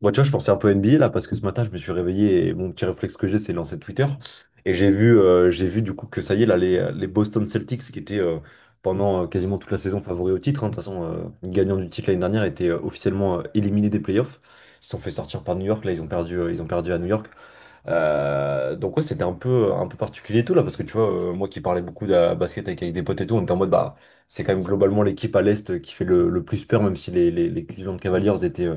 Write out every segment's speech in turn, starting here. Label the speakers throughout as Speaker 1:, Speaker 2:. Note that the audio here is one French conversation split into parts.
Speaker 1: Moi, tu vois, je pensais un peu NBA là parce que ce matin, je me suis réveillé et mon petit réflexe que j'ai, c'est de lancer Twitter. Et j'ai vu du coup que ça y est, là, les Boston Celtics qui étaient pendant quasiment toute la saison favoris au titre, hein. De toute façon, le gagnant du titre l'année dernière était officiellement éliminé des playoffs. Ils se sont fait sortir par New York. Là, ils ont perdu à New York. Donc, ouais, c'était un peu particulier et tout là parce que tu vois, moi qui parlais beaucoup de la basket avec des potes et tout, on était en mode bah, c'est quand même globalement l'équipe à l'Est qui fait le plus peur, même si les Cleveland Cavaliers étaient,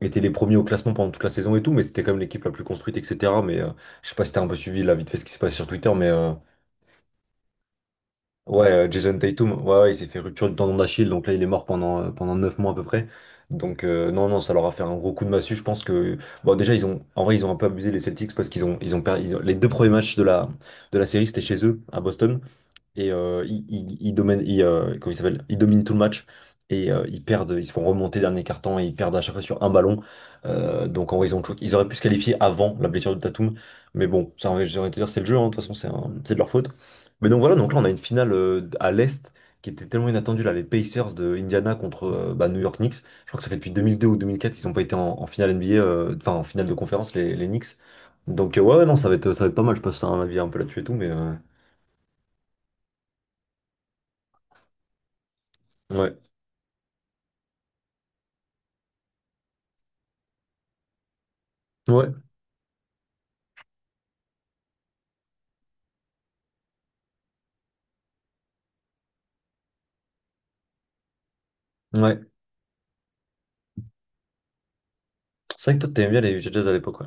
Speaker 1: étaient les premiers au classement pendant toute la saison et tout, mais c'était quand même l'équipe la plus construite, etc. Mais je sais pas si t'as un peu suivi là vite fait ce qui se passe sur Twitter, mais ouais, Jason Tatum, ouais, ouais, il s'est fait rupture du tendon d'Achille, donc là il est mort pendant 9 mois à peu près. Donc non, non, ça leur a fait un gros coup de massue, je pense que... Bon, déjà ils ont... En vrai, ils ont un peu abusé, les Celtics, parce qu'ils ont perdu. Les deux premiers matchs de la série, c'était chez eux, à Boston, et ils dominent, comment il s'appelle? Ils dominent tout le match et ils perdent, ils se font remonter dernier carton et ils perdent à chaque fois sur un ballon. Donc en vrai, ils ont choqué. Ils auraient pu se qualifier avant la blessure de Tatum, mais bon, ça, j'ai envie de te dire, c'est le jeu, hein, de toute façon, c'est de leur faute. Mais donc voilà, donc là, on a une finale à l'Est qui était tellement inattendue, là, les Pacers de Indiana contre bah, New York Knicks. Je crois que ça fait depuis 2002 ou 2004, ils n'ont pas été en finale NBA, enfin en finale de conférence, les Knicks. Donc ouais, ouais, non, ça va être pas mal, je passe un avis un peu là-dessus et tout, mais ouais. Ouais. Ouais. C'est vrai que toi, t'aimais bien les Jazz à l'époque, ouais.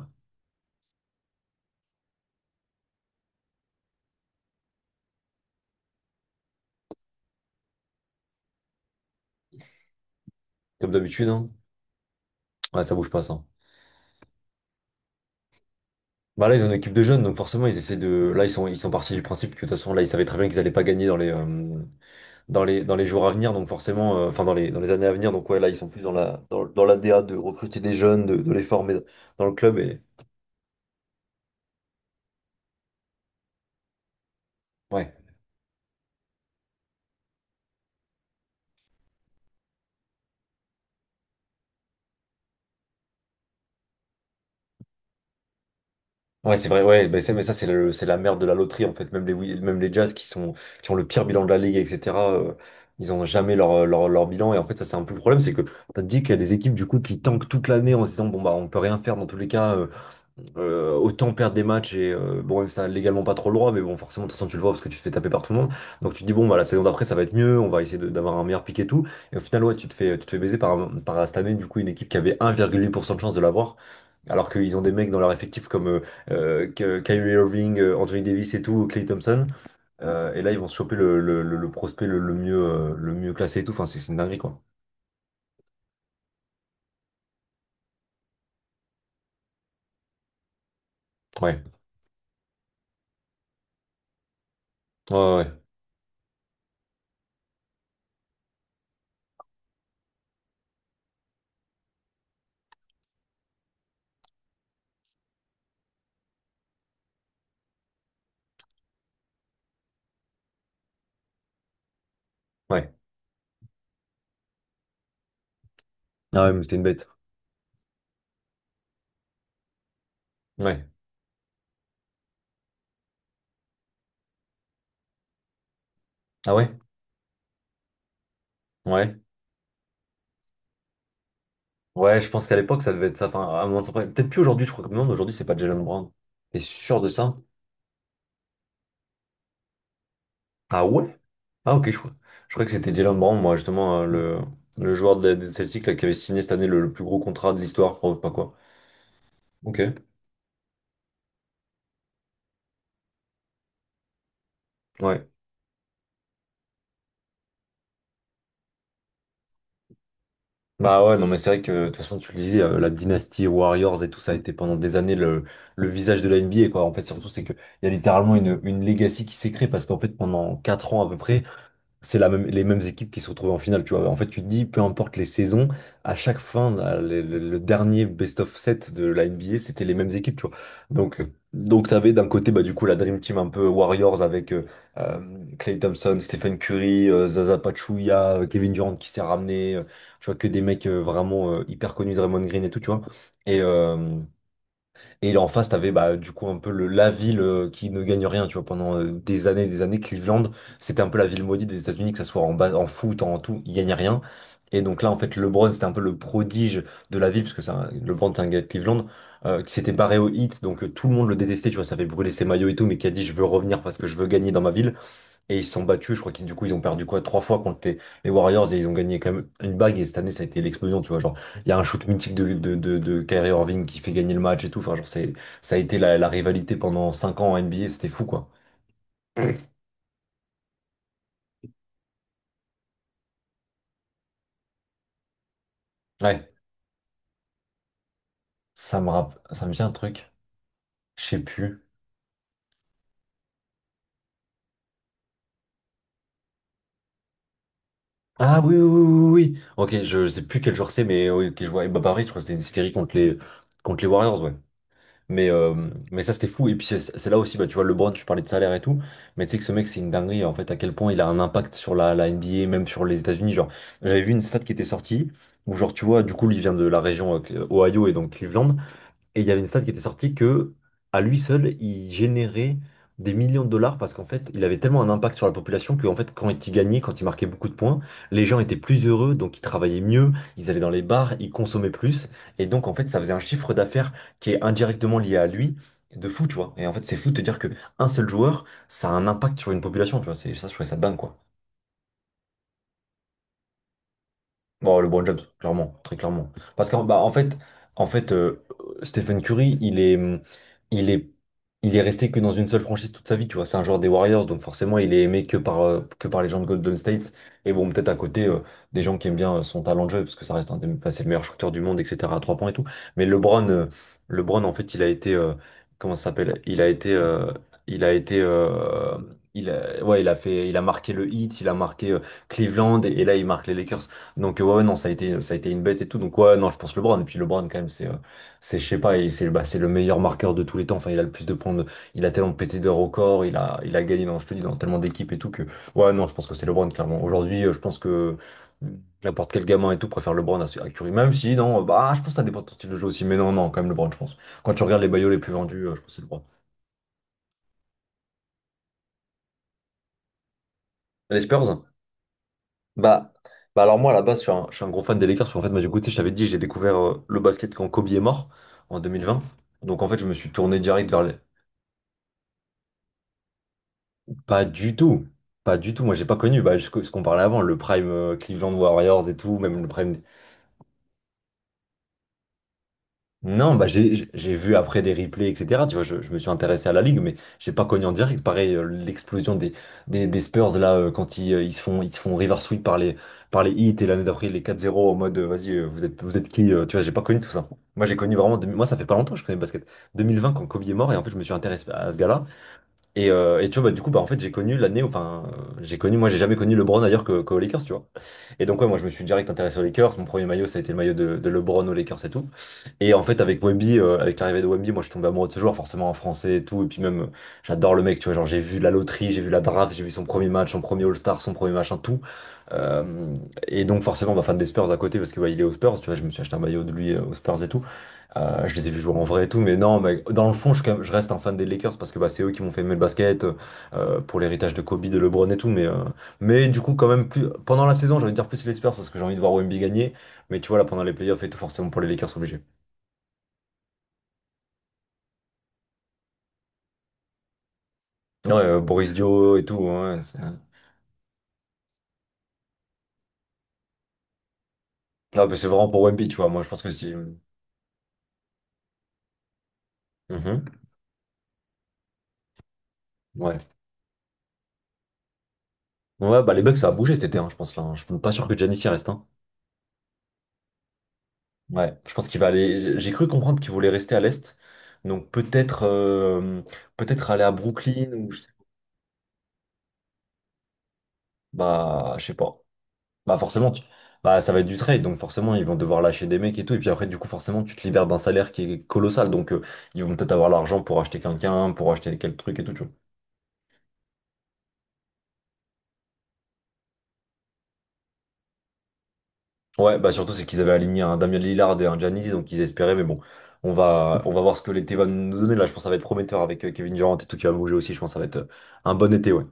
Speaker 1: Comme d'habitude, hein. Ouais, ça bouge pas, ça. Bah là, ils ont une équipe de jeunes, donc forcément, ils essaient de... Là, ils sont partis du principe que de toute façon, là, ils savaient très bien qu'ils allaient pas gagner dans les, dans les jours à venir, donc forcément, enfin, dans dans les années à venir. Donc, ouais, là, ils sont plus dans la l'ADA de recruter des jeunes, de les former dans le club. Et ouais. Ouais, c'est vrai, ouais, mais ça, c'est la merde de la loterie, en fait. Même même les Jazz qui ont le pire bilan de la ligue, etc., ils ont jamais leur, leur bilan. Et en fait, ça, c'est un peu le problème, c'est que t'as dit qu'il y a des équipes, du coup, qui tankent toute l'année en se disant, bon, bah, on peut rien faire dans tous les cas, autant perdre des matchs et bon, ça a légalement pas trop le droit, mais bon, forcément, de toute façon, tu le vois parce que tu te fais taper par tout le monde. Donc, tu te dis, bon, bah, la saison d'après, ça va être mieux, on va essayer d'avoir un meilleur pic et tout. Et au final, ouais, tu te fais baiser par cette année, du coup, une équipe qui avait 1,8% de chance de l'avoir, alors qu'ils ont des mecs dans leur effectif comme Kyrie Irving, Anthony Davis et tout, Klay Thompson. Et là, ils vont se choper le prospect le mieux classé et tout. Enfin, c'est une dinguerie, quoi. Ouais, ouais, ouais, ouais. Ouais. Ah ouais, mais c'était une bête. Ouais. Ah ouais? Ouais. Ouais, je pense qu'à l'époque, ça devait être ça. Enfin, à un moment, peut-être plus aujourd'hui, je crois que non, mais aujourd'hui, c'est pas Jalen Brown. T'es sûr de ça? Ah ouais? Ah ok, je crois. Je crois que c'était Jalen Brown, moi, justement, le joueur des Celtics là, qui avait signé cette année le plus gros contrat de l'histoire, je crois, ou pas quoi. Ok. Ouais. Bah ouais, non, mais c'est vrai que, de toute façon, tu le disais, la dynastie Warriors et tout, ça a été pendant des années le visage de la NBA, quoi. En fait, surtout, c'est que il y a littéralement une legacy qui s'est créée parce qu'en fait, pendant 4 ans à peu près, c'est la même, les mêmes équipes qui se retrouvent en finale, tu vois. En fait, tu te dis, peu importe les saisons, à chaque fin, le dernier best of set de la NBA, c'était les mêmes équipes, tu vois. Donc tu avais d'un côté, bah, du coup, la Dream Team un peu Warriors avec euh, Klay Thompson, Stephen Curry, Zaza Pachulia, Kevin Durant qui s'est ramené, tu vois, que des mecs vraiment hyper connus, Draymond Green et tout, tu vois. Et, euh, et en face, t'avais bah, du coup un peu la ville qui ne gagne rien, tu vois, pendant des années et des années. Cleveland, c'était un peu la ville maudite des États-Unis, que ça soit en foot, en tout, il gagnait rien. Et donc là, en fait, LeBron, c'était un peu le prodige de la ville, parce que LeBron, c'est un gars de Cleveland, qui s'était barré au hit, donc tout le monde le détestait, tu vois, ça avait brûlé ses maillots et tout, mais qui a dit, je veux revenir parce que je veux gagner dans ma ville. Et ils se sont battus, je crois qu'ils du coup ils ont perdu quoi trois fois contre les Warriors et ils ont gagné quand même une bague et cette année ça a été l'explosion, tu vois. Genre, il y a un shoot mythique de Kyrie Irving qui fait gagner le match et tout. Enfin, genre, ça a été la rivalité pendant 5 ans en NBA, c'était fou quoi. Ouais, ça me vient un truc, je sais plus. Ah oui, oui, oui, oui, oui. Ok, je sais plus quel joueur c'est, mais oui, ok, je vois Ibaka, je crois que c'était une série contre contre les Warriors, ouais. Mais, euh, mais ça, c'était fou. Et puis, c'est là aussi, bah, tu vois, LeBron, tu parlais de salaire et tout. Mais tu sais que ce mec, c'est une dinguerie, en fait, à quel point il a un impact sur la NBA, même sur les États-Unis. Genre, j'avais vu une stat qui était sortie, où, genre, tu vois, du coup, lui, il vient de la région Ohio et donc Cleveland. Et il y avait une stat qui était sortie que, à lui seul, il générait des millions de dollars parce qu'en fait, il avait tellement un impact sur la population que, en fait, quand il gagnait, quand il marquait beaucoup de points, les gens étaient plus heureux, donc ils travaillaient mieux, ils allaient dans les bars, ils consommaient plus. Et donc, en fait, ça faisait un chiffre d'affaires qui est indirectement lié à lui, de fou, tu vois. Et en fait, c'est fou de te dire que un seul joueur, ça a un impact sur une population, tu vois. C'est ça, je trouvais ça dingue, quoi. Bon, LeBron James, clairement, très clairement. Parce qu'en bah, en fait, Stephen Curry, il est, il est resté que dans une seule franchise toute sa vie, tu vois. C'est un joueur des Warriors, donc forcément, il est aimé que par les gens de Golden State. Et bon, peut-être à côté, des gens qui aiment bien son talent de jeu, parce que ça reste un des, bah, c'est le meilleur shooter du monde, etc., à 3 points et tout. Mais LeBron, en fait, comment ça s'appelle? Il a été, il a été, il a, ouais, il a marqué le Heat, il a marqué Cleveland, et là, il marque les Lakers. Donc, ouais, ouais, non, ça a été une bête et tout. Donc ouais, non, je pense LeBron. Et puis LeBron, quand même, c'est, je sais pas, et c'est bah, c'est le meilleur marqueur de tous les temps. Enfin, il a le plus de points. Il a tellement pété de records, il a gagné, dans, je te dis, dans tellement d'équipes et tout que ouais, non, je pense que c'est LeBron, clairement. Aujourd'hui, je pense que n'importe quel gamin et tout préfère LeBron à Curry. Même si, non, bah, je pense que ça dépend de ton style de jeu aussi. Mais non, non, quand même LeBron, je pense. Quand tu regardes les maillots les plus vendus, je pense que c'est LeBron. Les Spurs? Bah, bah, alors moi à la base je suis un gros fan des Lakers parce qu'en fait moi du coup tu sais, je t'avais dit j'ai découvert le basket quand Kobe est mort en 2020. Donc en fait, je me suis tourné direct vers les... Pas du tout, pas du tout. Moi j'ai pas connu bah, ce qu'on parlait avant le prime, Cleveland Warriors et tout, même le prime. Non, bah j'ai vu après des replays, etc. Tu vois, je me suis intéressé à la ligue, mais j'ai pas connu en direct. Pareil, l'explosion des Spurs là, quand ils se font river sweep par les Heat, et l'année d'après, les 4-0 en mode vas-y, vous êtes qui, tu vois, j'ai pas connu tout ça. Moi j'ai connu vraiment deux- mille moi ça fait pas longtemps que je connais le basket. 2020 quand Kobe est mort, et en fait je me suis intéressé à ce gars-là. Et tu vois, bah, du coup, bah, en fait, j'ai connu l'année, où- enfin, moi, j'ai jamais connu LeBron ailleurs qu'aux Lakers, tu vois. Et donc, ouais, moi, je me suis direct intéressé aux Lakers. Mon premier maillot, ça a été le maillot de LeBron aux Lakers et tout. Et en fait, avec avec l'arrivée de Wemby, moi, je suis tombé amoureux de ce joueur, forcément en français et tout. Et puis même, j'adore le mec, tu vois. Genre, j'ai vu la loterie, j'ai vu la draft, j'ai vu son premier match, son premier All-Star, son premier machin, tout. Euh, et donc, forcément, bah, fan des Spurs à côté, parce que, ouais, il est aux Spurs, tu vois. Je me suis acheté un maillot de lui aux Spurs et tout. Je les ai vus jouer en vrai et tout, mais non, mais dans le fond, je reste un fan des Lakers parce que bah, c'est eux qui m'ont fait aimer le basket, pour l'héritage de Kobe, de LeBron et tout. Mais du coup, quand même, plus, pendant la saison, j'ai envie de dire plus les Spurs parce que j'ai envie de voir OMB gagner. Mais tu vois, là, pendant les playoffs et tout, forcément pour les Lakers, obligé. Ouais, Boris Dio et tout. Ouais, c'est ah, mais c'est vraiment pour OMB, tu vois. Moi, je pense que si. Mhm. Ouais. Ouais, bah les Bucks, ça a bougé cet été, hein, je pense là, hein. Je suis pas sûr que Giannis y reste, hein. Ouais, je pense qu'il va aller. J'ai cru comprendre qu'il voulait rester à l'Est. Donc peut-être aller à Brooklyn, ou je sais, bah je sais pas. Bah forcément bah ça va être du trade, donc forcément ils vont devoir lâcher des mecs et tout, et puis après du coup forcément tu te libères d'un salaire qui est colossal, donc ils vont peut-être avoir l'argent pour acheter quelqu'un, pour acheter quel truc et tout, tu vois. Ouais, bah surtout c'est qu'ils avaient aligné un Damien Lillard et un Giannis donc ils espéraient, mais bon, on va voir ce que l'été va nous donner là. Je pense que ça va être prometteur avec Kevin Durant et tout qui va bouger aussi, je pense que ça va être un bon été, ouais.